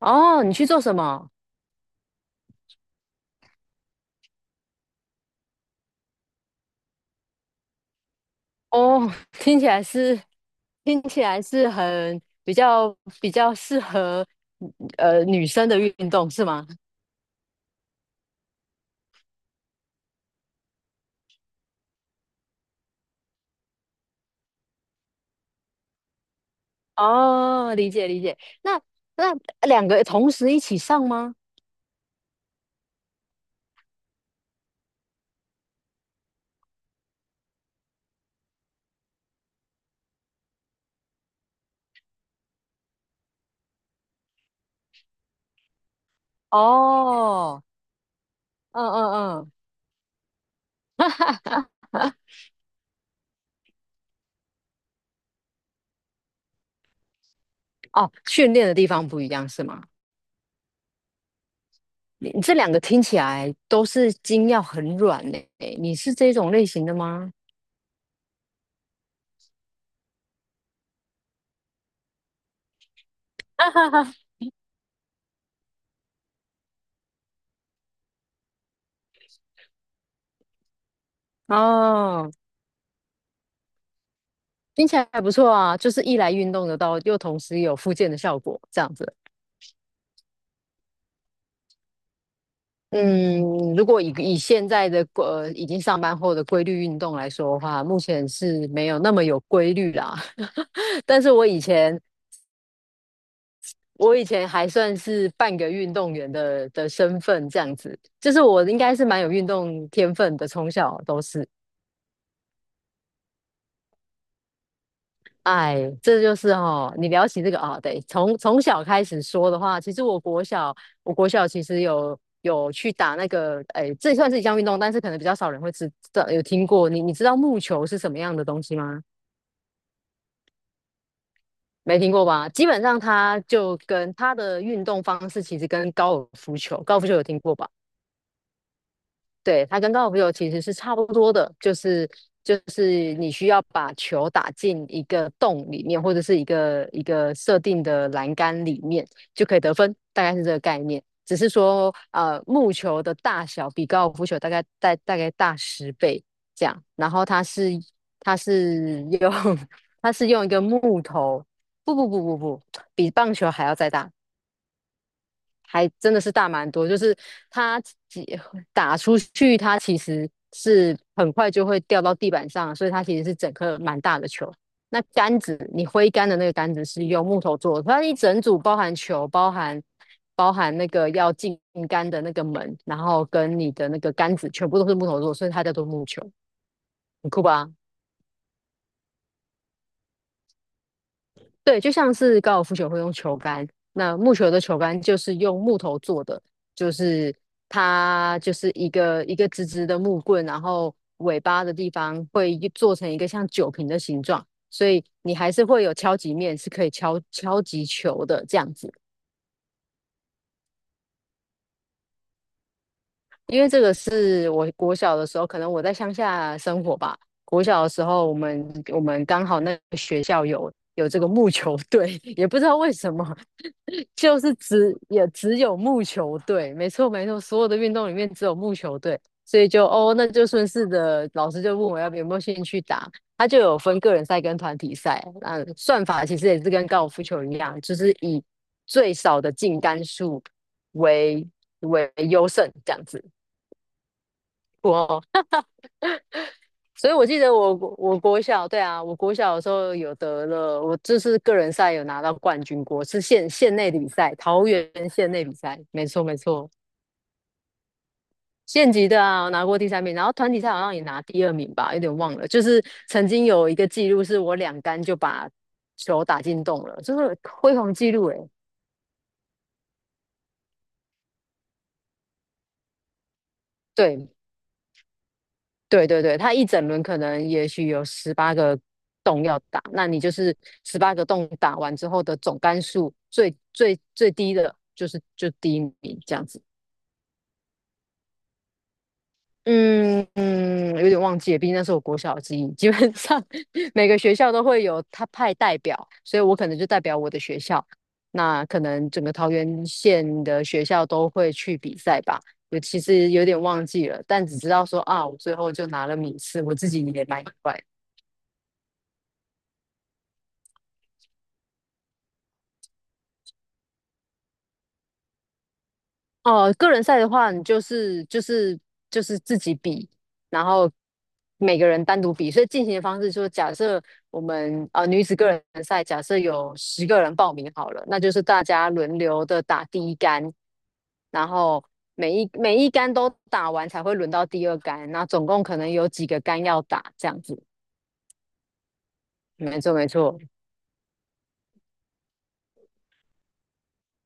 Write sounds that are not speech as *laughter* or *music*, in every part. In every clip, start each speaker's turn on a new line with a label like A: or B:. A: 哦，你去做什么？哦，*laughs* 听起来是听起来是很比较适合女生的运动是吗？哦，理解理解。那那两个同时一起上吗？哦，嗯嗯嗯，*laughs* 哦，训练的地方不一样是吗？你这两个听起来都是筋要很软呢，你是这种类型的吗？*laughs* 哦，听起来还不错啊，就是一来运动得到，又同时有复健的效果，这样子。嗯，如果以现在的已经上班后的规律运动来说的话，目前是没有那么有规律啦。*laughs* 但是我以前还算是半个运动员的身份，这样子，就是我应该是蛮有运动天分的，从小都是。哎，这就是哦，你聊起这个啊，对，从小开始说的话，其实我国小其实有去打那个，哎，这算是一项运动，但是可能比较少人会知道，有听过。你知道木球是什么样的东西吗？没听过吧？基本上它就跟它的运动方式其实跟高尔夫球，高尔夫球有听过吧？对，它跟高尔夫球其实是差不多的，就是你需要把球打进一个洞里面，或者是一个一个设定的栏杆里面就可以得分，大概是这个概念。只是说，木球的大小比高尔夫球大概大10倍这样，然后它是它是用 *laughs* 它是用一个木头，不不不不不，比棒球还要再大。还真的是大蛮多，就是它几打出去，它其实是很快就会掉到地板上，所以它其实是整颗蛮大的球。那杆子，你挥杆的那个杆子是用木头做的，它一整组包含球，包含那个要进杆的那个门，然后跟你的那个杆子全部都是木头做的，所以它叫做木球，很酷吧？对，就像是高尔夫球会用球杆，那木球的球杆就是用木头做的，就是它就是一个一个直直的木棍，然后尾巴的地方会做成一个像酒瓶的形状，所以你还是会有敲击面是可以敲击球的这样子。因为这个是我国小的时候，可能我在乡下生活吧。国小的时候，我们刚好那个学校有这个木球队，*laughs* 也不知道为什么，*laughs* 就是也只有木球队。没错没错，所有的运动里面只有木球队，所以就哦，那就顺势的老师就问我要不有没有兴趣打，他就有分个人赛跟团体赛。那算法其实也是跟高尔夫球一样，就是以最少的净杆数为为优胜这样子。我，所以我记得我国小，对啊，我国小的时候有得了，我这是个人赛有拿到冠军过，是县内的比赛，桃园县内比赛，没错没错，县级的啊，我拿过第三名，然后团体赛好像也拿第二名吧，有点忘了，就是曾经有一个记录是我2杆就把球打进洞了，就是辉煌记录诶，对，对对对，它一整轮可能也许有十八个洞要打，那你就是十八个洞打完之后的总杆数最低的就是第一名这样子。嗯嗯，有点忘记了，毕竟那是我国小的记忆。基本上 *laughs* 每个学校都会有他派代表，所以我可能就代表我的学校。那可能整个桃园县的学校都会去比赛吧。我其实有点忘记了，但只知道说啊，我最后就拿了名次，我自己也蛮意外。哦，个人赛的话，你就是自己比，然后每个人单独比，所以进行的方式就是假设我们女子个人赛，假设有10个人报名好了，那就是大家轮流的打第一杆，然后每一杆都打完才会轮到第二杆，那总共可能有几个杆要打，这样子。没错没错，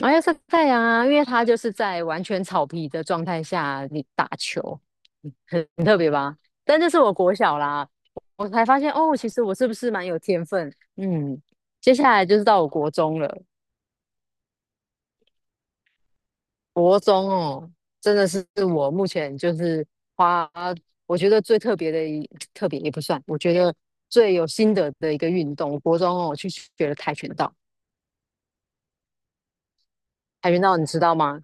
A: 啊要晒太阳啊，因为它就是在完全草皮的状态下你打球，嗯很特别吧？但这是我国小啦，我才发现哦，其实我是不是蛮有天分？嗯，接下来就是到我国中了，国中哦，真的是我目前就是花我觉得最特别的*tsk* 特别也不算，我觉得最有心得的一个运动，我国中哦去学了跆拳道，跆拳道你知道吗？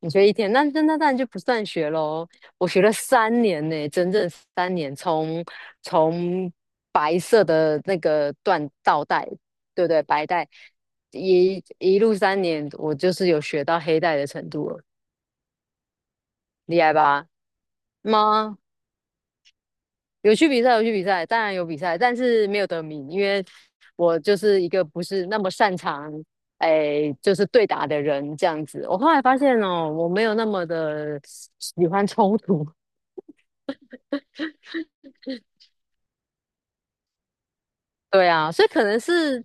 A: 你学一天，那当然就不算学喽。我学了三年呢、整整三年，从白色的那个缎倒带，对不对？白带一路三年，我就是有学到黑带的程度了，厉害吧？吗？有去比赛，有去比赛，当然有比赛，但是没有得名，因为我就是一个不是那么擅长，哎，就是对打的人这样子。我后来发现哦，我没有那么的喜欢冲突。对啊，所以可能是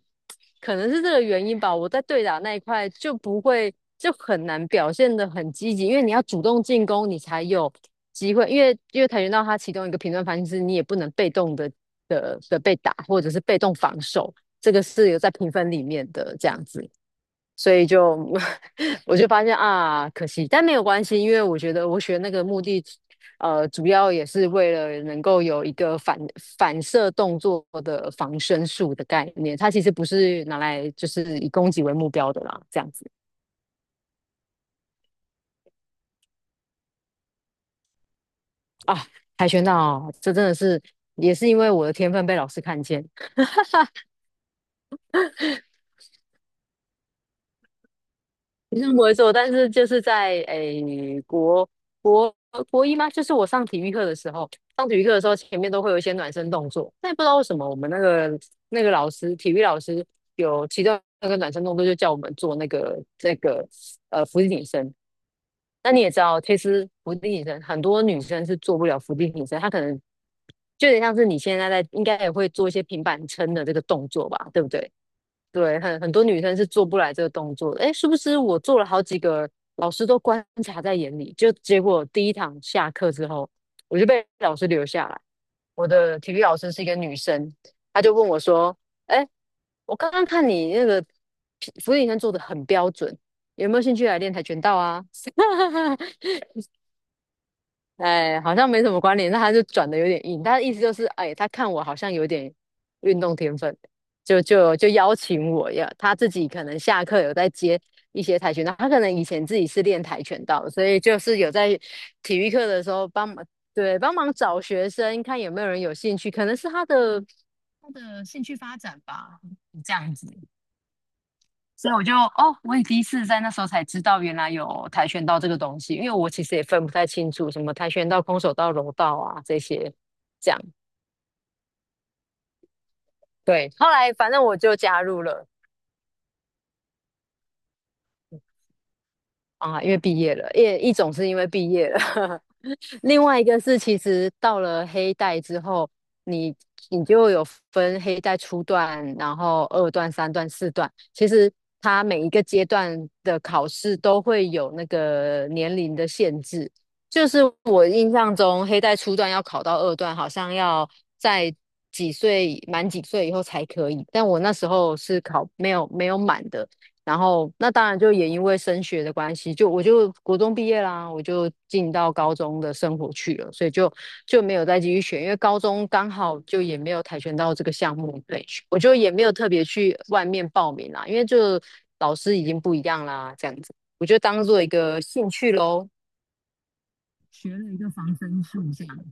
A: 可能是这个原因吧。我在对打那一块就不会就很难表现的很积极，因为你要主动进攻，你才有机会。因为跆拳道它其中一个评论方式是你也不能被动的被打，或者是被动防守，这个是有在评分里面的这样子。所以就 *laughs* 我就发现啊，可惜，但没有关系，因为我觉得我学那个目的，主要也是为了能够有一个反射动作的防身术的概念，它其实不是拿来就是以攻击为目标的啦，这样子啊，跆拳道这真的是也是因为我的天分被老师看见，学生不会做，但是就是在国国一吗？就是我上体育课的时候，上体育课的时候前面都会有一些暖身动作，但也不知道为什么我们那个老师，体育老师有其中那个暖身动作就叫我们做伏地挺身。那你也知道，其实伏地挺身很多女生是做不了伏地挺身，她可能就有点像是你现在应该也会做一些平板撑的这个动作吧，对不对？对，很多女生是做不来这个动作的。哎，是不是我做了好几个，老师都观察在眼里，就结果第一堂下课之后，我就被老师留下来。我的体育老师是一个女生，她就问我说：“哎，我刚刚看你那个俯卧撑做的很标准，有没有兴趣来练跆拳道啊？” *laughs* 哎，好像没什么关联，那他就转的有点硬，他的意思就是，哎，他看我好像有点运动天分，就邀请我呀，他自己可能下课有在接一些跆拳道，他可能以前自己是练跆拳道的，所以就是有在体育课的时候帮忙，对，帮忙找学生，看有没有人有兴趣，可能是他的兴趣发展吧，这样子。所以我就哦，我也第一次在那时候才知道，原来有跆拳道这个东西，因为我其实也分不太清楚什么跆拳道、空手道、柔道啊这些，这样。对，后来反正我就加入了，啊，因为毕业了，一种是因为毕业了，*laughs* 另外一个是其实到了黑带之后，你你就有分黑带初段，然后二段、三段、四段，其实它每一个阶段的考试都会有那个年龄的限制。就是我印象中，黑带初段要考到二段，好像要在几岁满几岁以后才可以，但我那时候是考没有满的。然后那当然就也因为升学的关系，就我就国中毕业啦，我就进到高中的生活去了，所以就没有再继续学，因为高中刚好就也没有跆拳道这个项目可以学我就也没有特别去外面报名啦，因为就老师已经不一样啦，这样子，我就当做一个兴趣喽。学了一个防身术这样。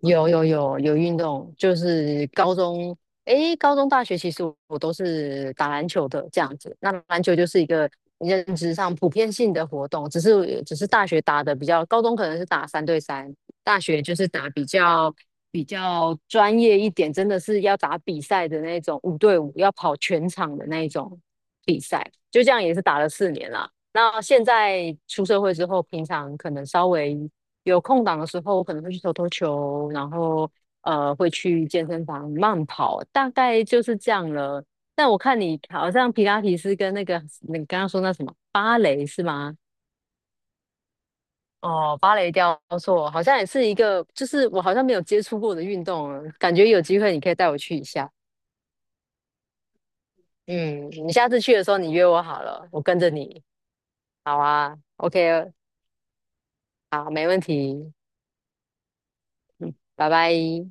A: 有有有有运动，就是高中，高中、大学其实我都是打篮球的这样子。那篮球就是一个认知上普遍性的活动，只是大学打的比较，高中可能是打三对三，大学就是打比较专业一点，真的是要打比赛的那种五对五，要跑全场的那一种比赛。就这样也是打了4年啦。那现在出社会之后，平常可能稍微。有空档的时候，我可能会去投投球，然后会去健身房慢跑，大概就是这样了。但我看你好像皮拉提斯跟那个你刚刚说那什么芭蕾是吗？哦，芭蕾雕塑好像也是一个，就是我好像没有接触过的运动啊感觉有机会你可以带我去一下。嗯，你下次去的时候你约我好了，我跟着你。好啊，OK,好，没问题，拜拜。